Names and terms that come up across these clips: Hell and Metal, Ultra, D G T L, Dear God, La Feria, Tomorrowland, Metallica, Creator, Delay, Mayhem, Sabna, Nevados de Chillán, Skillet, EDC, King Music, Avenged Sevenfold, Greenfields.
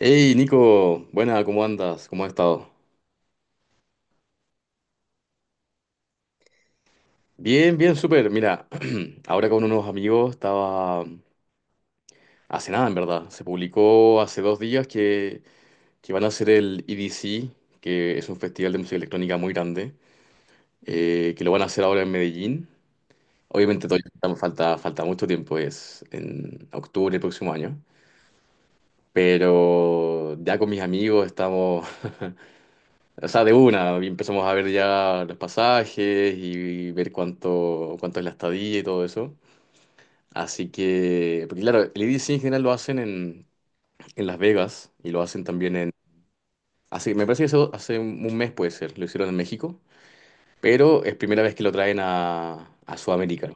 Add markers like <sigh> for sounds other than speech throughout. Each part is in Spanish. Hey Nico, buena, ¿cómo andas? ¿Cómo has estado? Bien, bien, súper. Mira, <clears throat> ahora con unos amigos estaba hace nada, en verdad. Se publicó hace 2 días que van a hacer el EDC, que es un festival de música electrónica muy grande, que lo van a hacer ahora en Medellín. Obviamente todavía falta, falta mucho tiempo, es en octubre del próximo año. Pero ya con mis amigos estamos. O sea, de una, y empezamos a ver ya los pasajes y ver cuánto, cuánto es la estadía y todo eso. Así que, porque claro, el EDC en general lo hacen en Las Vegas y lo hacen también en... Así, me parece que eso hace un mes puede ser, lo hicieron en México, pero es primera vez que lo traen a Sudamérica,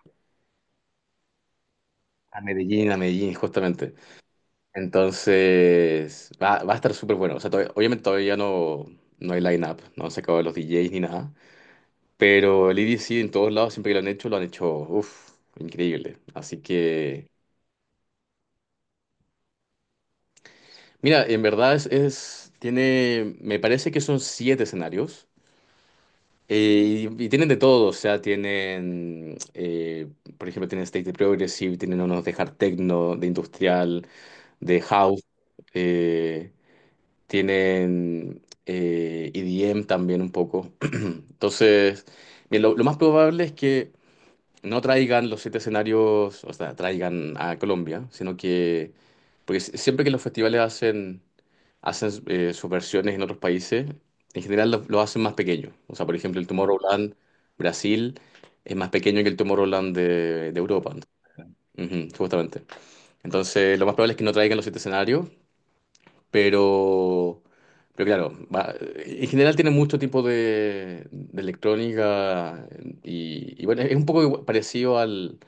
a Medellín justamente. Entonces, va a estar súper bueno. O sea, obviamente todavía no, no hay line-up, no se acabó los DJs ni nada. Pero el EDC en todos lados, siempre que lo han hecho, uff, increíble. Así que, mira, en verdad tiene, me parece que son 7 escenarios. Y tienen de todo, o sea, tienen, por ejemplo, tienen State de Progressive, tienen unos de Hard Techno, de Industrial, de House, eh, tienen EDM también un poco. <clears throat> Entonces, mira, lo más probable es que no traigan los 7 escenarios, o sea, traigan a Colombia, sino que, porque siempre que los festivales hacen, hacen sus versiones en otros países, en general lo hacen más pequeño. O sea, por ejemplo, el Tomorrowland Brasil es más pequeño que el Tomorrowland de Europa, ¿no? Ujú, justamente. Entonces, lo más probable es que no traigan los siete escenarios, pero... Pero claro, en general tiene mucho tipo de electrónica y bueno, es un poco parecido al,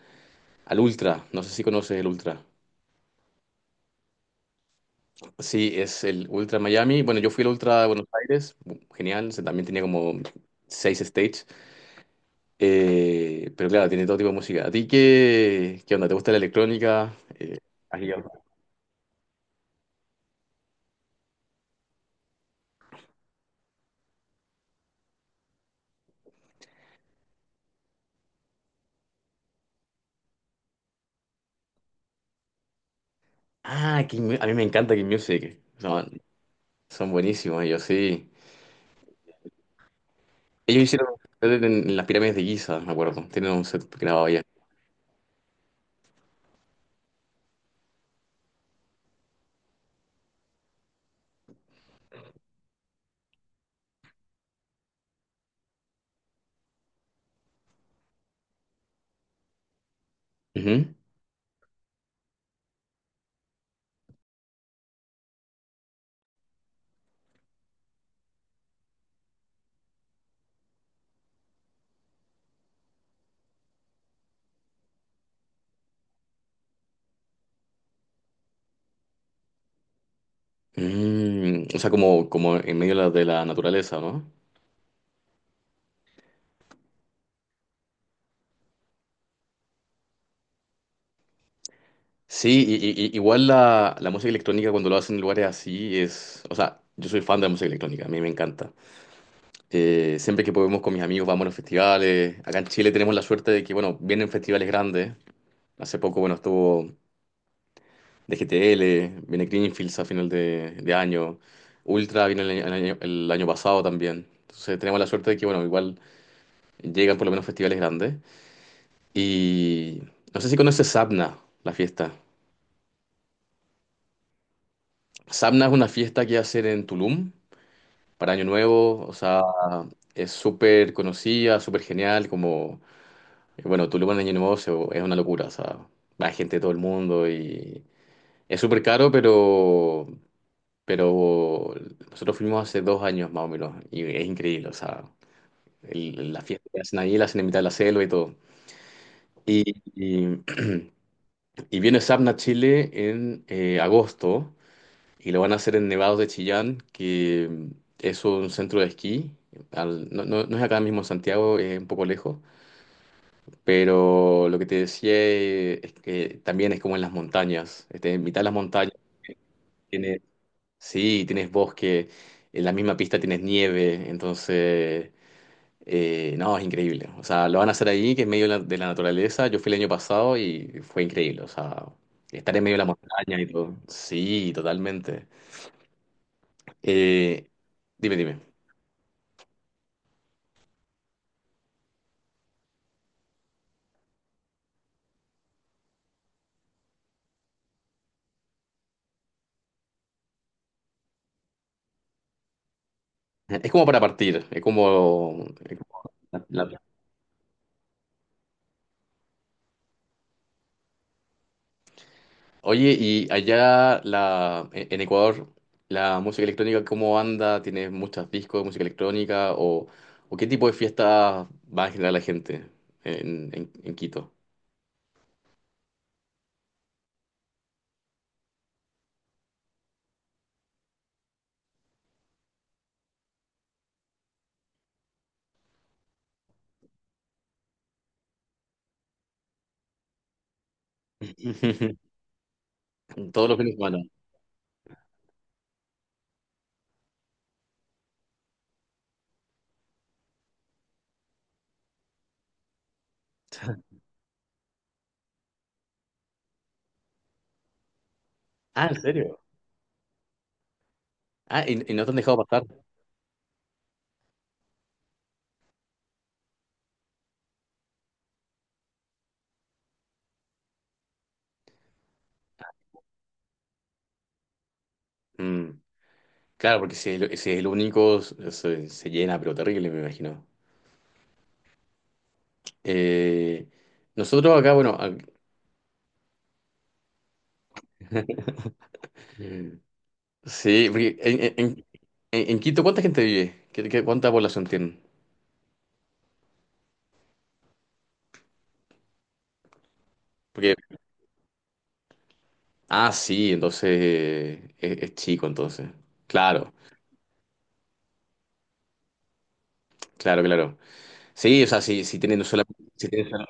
al Ultra, no sé si conoces el Ultra. Sí, es el Ultra Miami. Bueno, yo fui al Ultra de Buenos Aires, genial, también tenía como 6 stages. Pero claro, tiene todo tipo de música. ¿A ti qué, qué onda? ¿Te gusta la electrónica? ¿Has ido? Ah, a mí me encanta King Music. Son, son buenísimos ellos, sí. Ellos hicieron un set en las pirámides de Giza, me acuerdo. Tienen un set grabado allá. Ujú. Mm, o sea, como, como en medio de de la naturaleza, ¿no? Sí, igual la música electrónica cuando lo hacen en lugares así es, o sea, yo soy fan de la música electrónica, a mí me encanta. Siempre que podemos con mis amigos vamos a los festivales. Acá en Chile tenemos la suerte de que, bueno, vienen festivales grandes. Hace poco, bueno, estuvo DGTL, viene Greenfields a final de año, Ultra vino el año pasado también. Entonces tenemos la suerte de que, bueno, igual llegan por lo menos festivales grandes. Y no sé si conoces Sabna, la fiesta. Sabna es una fiesta que hacen en Tulum para Año Nuevo, o sea, es súper conocida, súper genial, como, bueno, Tulum en Año Nuevo es una locura, o sea, va gente de todo el mundo y es súper caro, pero nosotros fuimos hace 2 años más o menos y es increíble, o sea, la fiesta que hacen ahí, la hacen en mitad de la selva y todo. Y, y, y viene Sapna a Chile en agosto. Y lo van a hacer en Nevados de Chillán, que es un centro de esquí. No es acá mismo en Santiago, es un poco lejos. Pero lo que te decía es que también es como en las montañas. Este, en mitad de las montañas tienes, sí, tienes bosque, en la misma pista tienes nieve. Entonces, no, es increíble. O sea, lo van a hacer ahí, que es medio de de la naturaleza. Yo fui el año pasado y fue increíble. O sea, estar en medio de la montaña y todo. Sí, totalmente. Eh, dime, dime. Es como para partir, es como la- la- Oye, y allá la, en Ecuador, la música electrónica, ¿cómo anda? ¿Tienes muchos discos de música electrónica? O qué tipo de fiestas va a generar la gente en Quito? <laughs> Todos los fines de semana. Ah, ¿en serio? Ah, y no te han dejado pasar. Mm, claro, porque si es, el si es el único, se llena, pero terrible, me imagino. Eh, nosotros acá, bueno, ac- sí, porque en Quito, ¿cuánta gente vive? ¿Cuánta población tienen? Porque, ah, sí, entonces es chico, entonces. Claro, claro, claro. Sí, o sea, si tienen si tienen sola-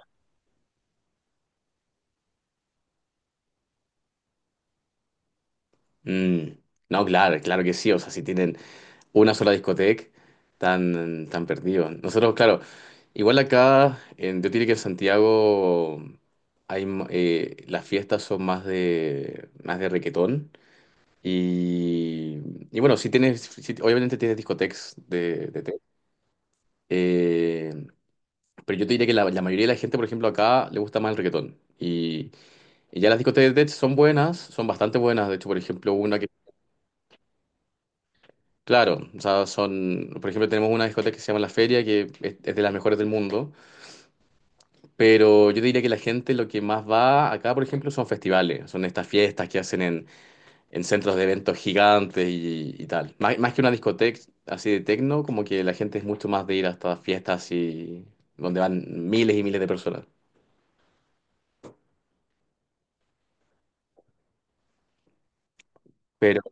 mm, no, claro, claro que sí. O sea, si tienen una sola discoteca, tan, tan perdidos. Nosotros, claro, igual acá, en, yo diría que en Santiago hay, las fiestas son más más de reguetón. Y, y bueno, si tienes, sí, obviamente tienes discotecas de tech. Eh, pero yo te diría que la mayoría de la gente, por ejemplo, acá le gusta más el reggaetón. Y ya las discotecas de tech son buenas, son bastante buenas. De hecho, por ejemplo, una que, claro, o sea, son, por ejemplo, tenemos una discoteca que se llama La Feria, que es de las mejores del mundo. Pero yo te diría que la gente lo que más va acá, por ejemplo, son festivales, son estas fiestas que hacen en centros de eventos gigantes y tal. Más, más que una discoteca así de techno, como que la gente es mucho más de ir a estas fiestas y donde van miles y miles de personas. Pero...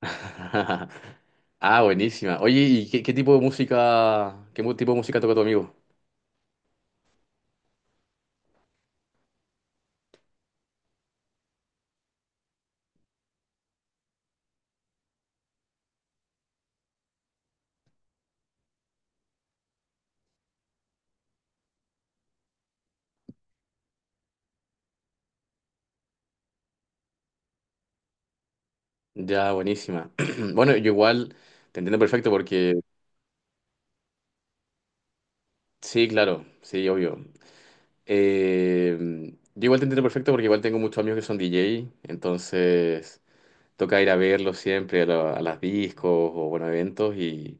<laughs> Ah, buenísima. Oye, ¿y qué, qué tipo de música, tipo de música toca tu amigo? Ya, buenísima. <clears throat> Bueno, yo igual te entiendo perfecto porque, sí, claro, sí, obvio. Eh, yo igual te entiendo perfecto porque igual tengo muchos amigos que son DJ, entonces... toca ir a verlo siempre a las discos o bueno, eventos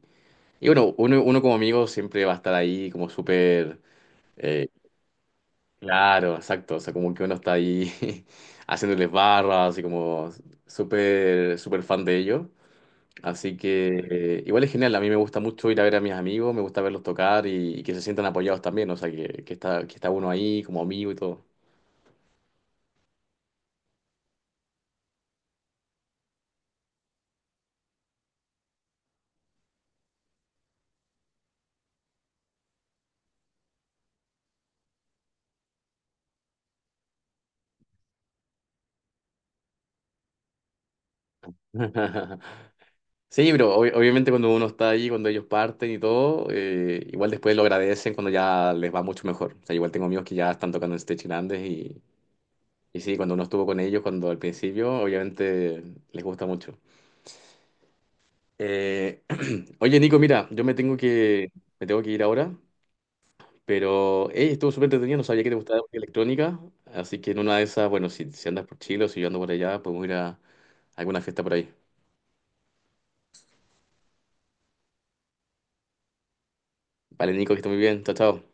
y bueno, uno como amigo siempre va a estar ahí como súper eh, claro, exacto, o sea, como que uno está ahí <laughs> haciéndoles barras y como súper súper fan de ellos. Así que igual es genial, a mí me gusta mucho ir a ver a mis amigos, me gusta verlos tocar y que se sientan apoyados también, o sea, que está uno ahí como amigo y todo. <laughs> Sí, pero obviamente cuando uno está ahí, cuando ellos parten y todo, igual después lo agradecen cuando ya les va mucho mejor. O sea, igual tengo amigos que ya están tocando en stage grandes y sí, cuando uno estuvo con ellos, cuando al principio, obviamente les gusta mucho. Eh, <clears throat> oye, Nico, mira, yo me tengo me tengo que ir ahora, pero hey, estuvo súper entretenido, no sabía que te gustaba la música electrónica, así que en una de esas, bueno, si andas por Chile o si yo ando por allá, podemos ir a alguna fiesta por ahí. Vale, Nico, que esté muy bien, chao, chao.